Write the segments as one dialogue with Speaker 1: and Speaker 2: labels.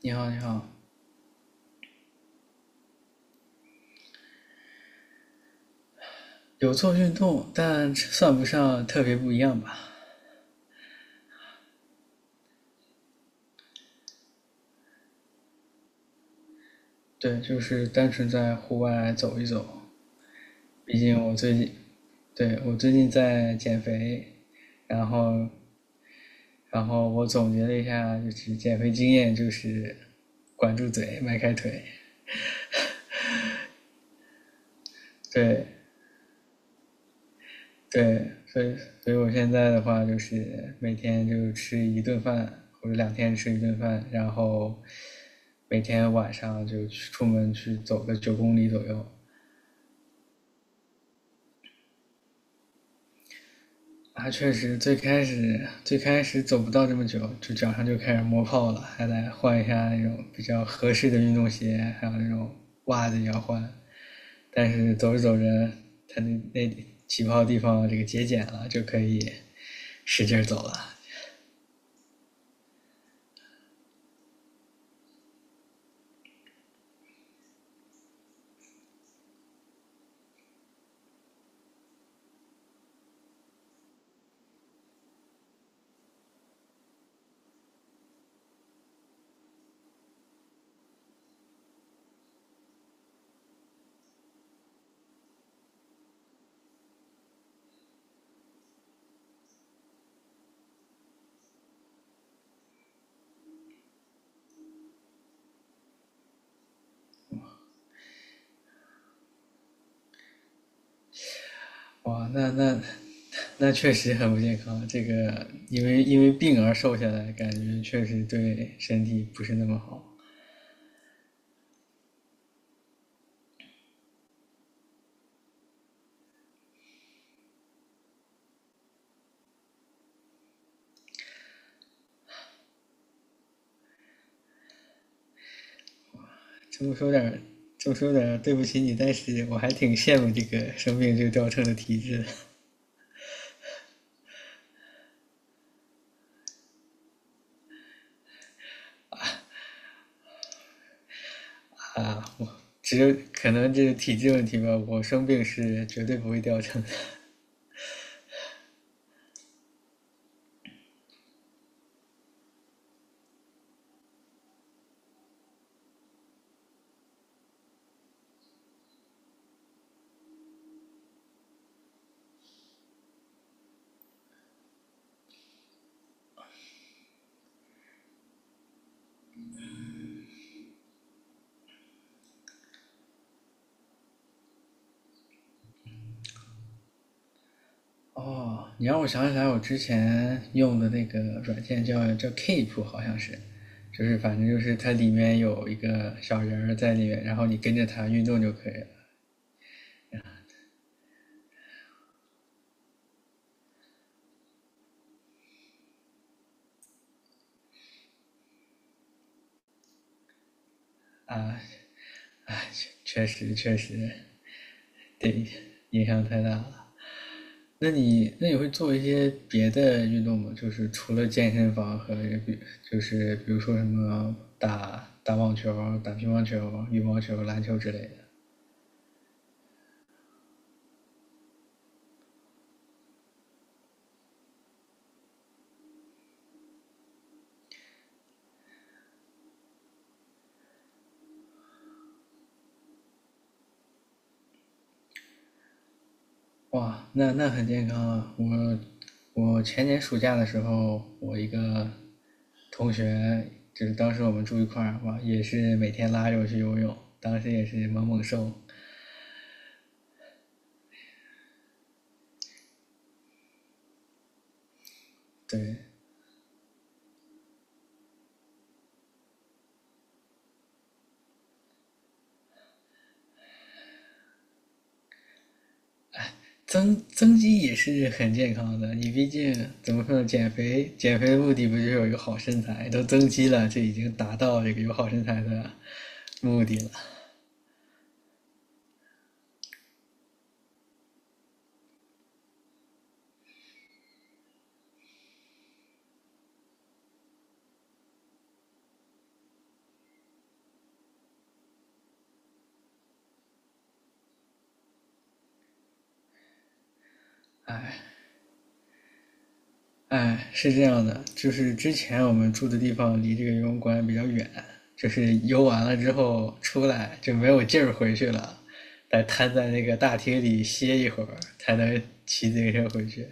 Speaker 1: 你好，你好，有做运动，但算不上特别不一样吧？对，就是单纯在户外走一走。毕竟我最近，对，我最近在减肥，然后，然后我总结了一下，就是减肥经验就是管住嘴，迈开腿。对，对，所以，所以我现在的话就是每天就吃一顿饭，或者两天吃一顿饭，然后每天晚上就去出门去走个9公里左右。啊，确实，最开始走不到这么久，就脚上就开始磨泡了，还得换一下那种比较合适的运动鞋，还有那种袜子也要换。但是走着走着，他那起泡地方这个节俭了，就可以使劲儿走了。哇，那确实很不健康。这个因为病而瘦下来，感觉确实对身体不是那么好。这么说点这么说点对不起你，但是我还挺羡慕这个生病就掉秤的体质啊。我只有可能这是体质问题吧，我生病是绝对不会掉秤的。哦，你让我想起来，我之前用的那个软件叫 Keep,好像是，就是反正就是它里面有一个小人儿在里面，然后你跟着它运动就可以了。啊，哎，确实，对，影响太大了。那你会做一些别的运动吗？就是除了健身房和比，就是比如说什么打网球、打乒乓球、羽毛球、篮球之类的。哇，那很健康啊！我前年暑假的时候，我一个同学，就是当时我们住一块儿，哇，也是每天拉着我去游泳，当时也是猛猛瘦。对，增肌也是很健康的，你毕竟怎么说呢，减肥的目的不就是有一个好身材？都增肌了，这已经达到这个有好身材的目的了。哎，是这样的，就是之前我们住的地方离这个游泳馆比较远，就是游完了之后出来就没有劲儿回去了，得瘫在那个大厅里歇一会儿，才能骑自行车回去。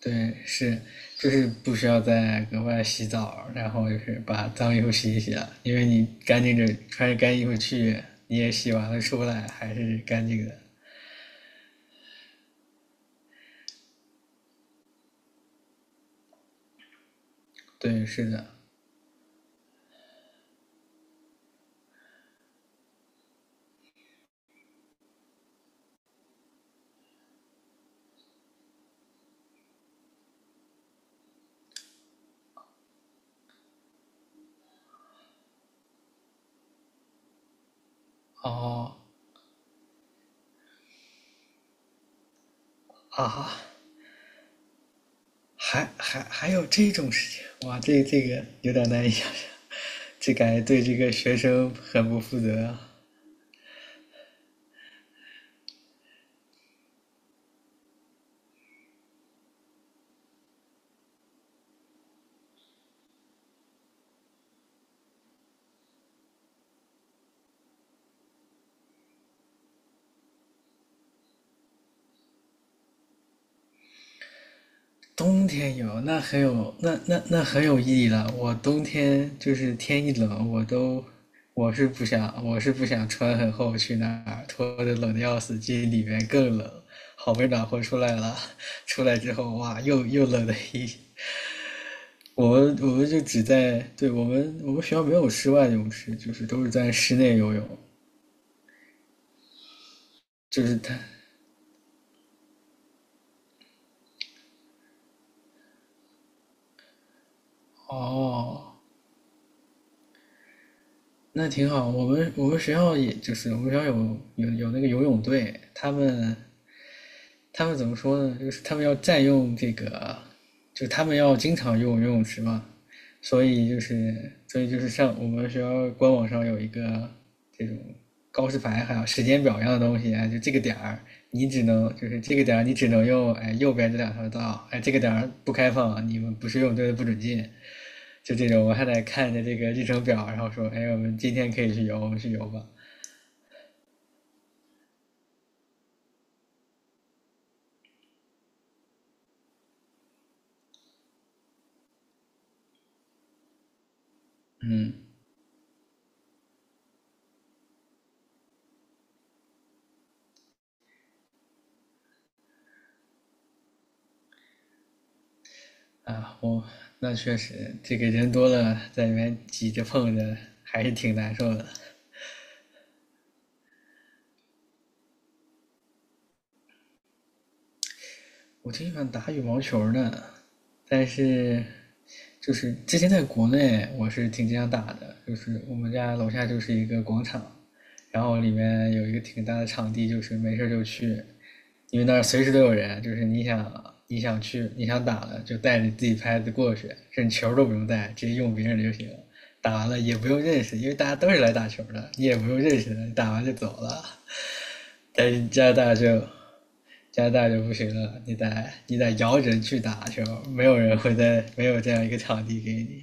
Speaker 1: 对，是，就是不需要再额外洗澡，然后就是把脏衣服洗一洗了，因为你干净着穿着干衣服去，你也洗完了出来还是干净的。对，是的。哦啊，还有这种事情，哇，这个有点难以想象，这感觉对这个学生很不负责啊。冬天有，那很有，那很有意义了。我冬天就是天一冷，我是不想穿很厚去那儿，脱的冷的要死，进里面更冷。好不容易暖和出来了，出来之后哇，又冷了一。我们就只在，对我们学校没有室外游泳池，就是都是在室内游泳，就是它。哦，那挺好。我们学校也就是我们学校有那个游泳队，他们怎么说呢？就是他们要占用这个，就他们要经常用游泳池嘛，所以就是上我们学校官网上有一个这种告示牌，还有时间表一样的东西，哎，就这个点儿你只能用哎右边这两条道，哎这个点儿不开放，你们不是游泳队的不准进。就这种，我还得看着这个日程表，然后说，哎，我们今天可以去游，我们去游吧。嗯，啊，我那确实，这个人多了，在里面挤着碰着，还是挺难受的。我挺喜欢打羽毛球的，但是就是之前在国内我是挺经常打的，就是我们家楼下就是一个广场，然后里面有一个挺大的场地，就是没事儿就去，因为那儿随时都有人，就是你想打了就带着自己拍子过去，甚至球都不用带，直接用别人的就行了。打完了也不用认识，因为大家都是来打球的，你也不用认识的，你打完就走了。在加拿大就加拿大就不行了，你得摇人去打球，没有人会在没有这样一个场地给你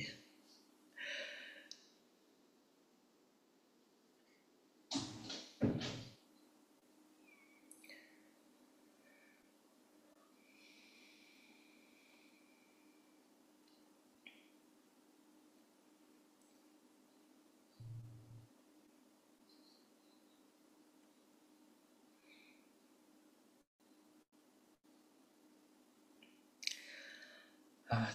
Speaker 1: 啊。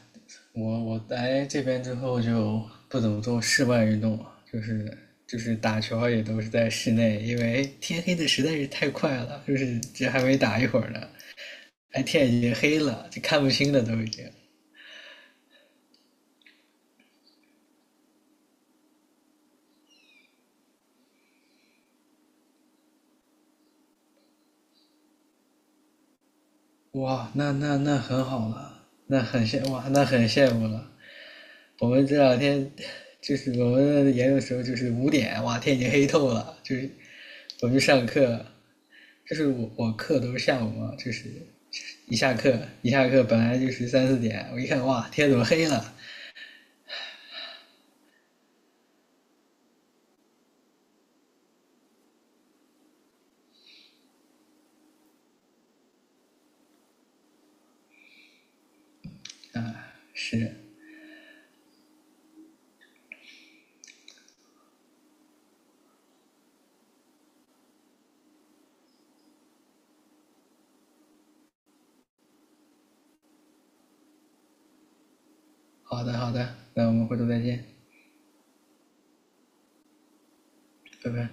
Speaker 1: 我我来这边之后就不怎么做室外运动了，就是就是打球也都是在室内，因为天黑的实在是太快了，就是这还没打一会儿呢，哎天已经黑了，就看不清了都已经。哇，那很好了，那很羡慕了。我们这两天就是我们研究的时候，就是5点，哇，天已经黑透了，就是我们去上课，就是我我课都是下午嘛，就是一下课本来就是3、4点，我一看哇，天怎么黑了？是，好的好的，那我们回头再见，拜拜。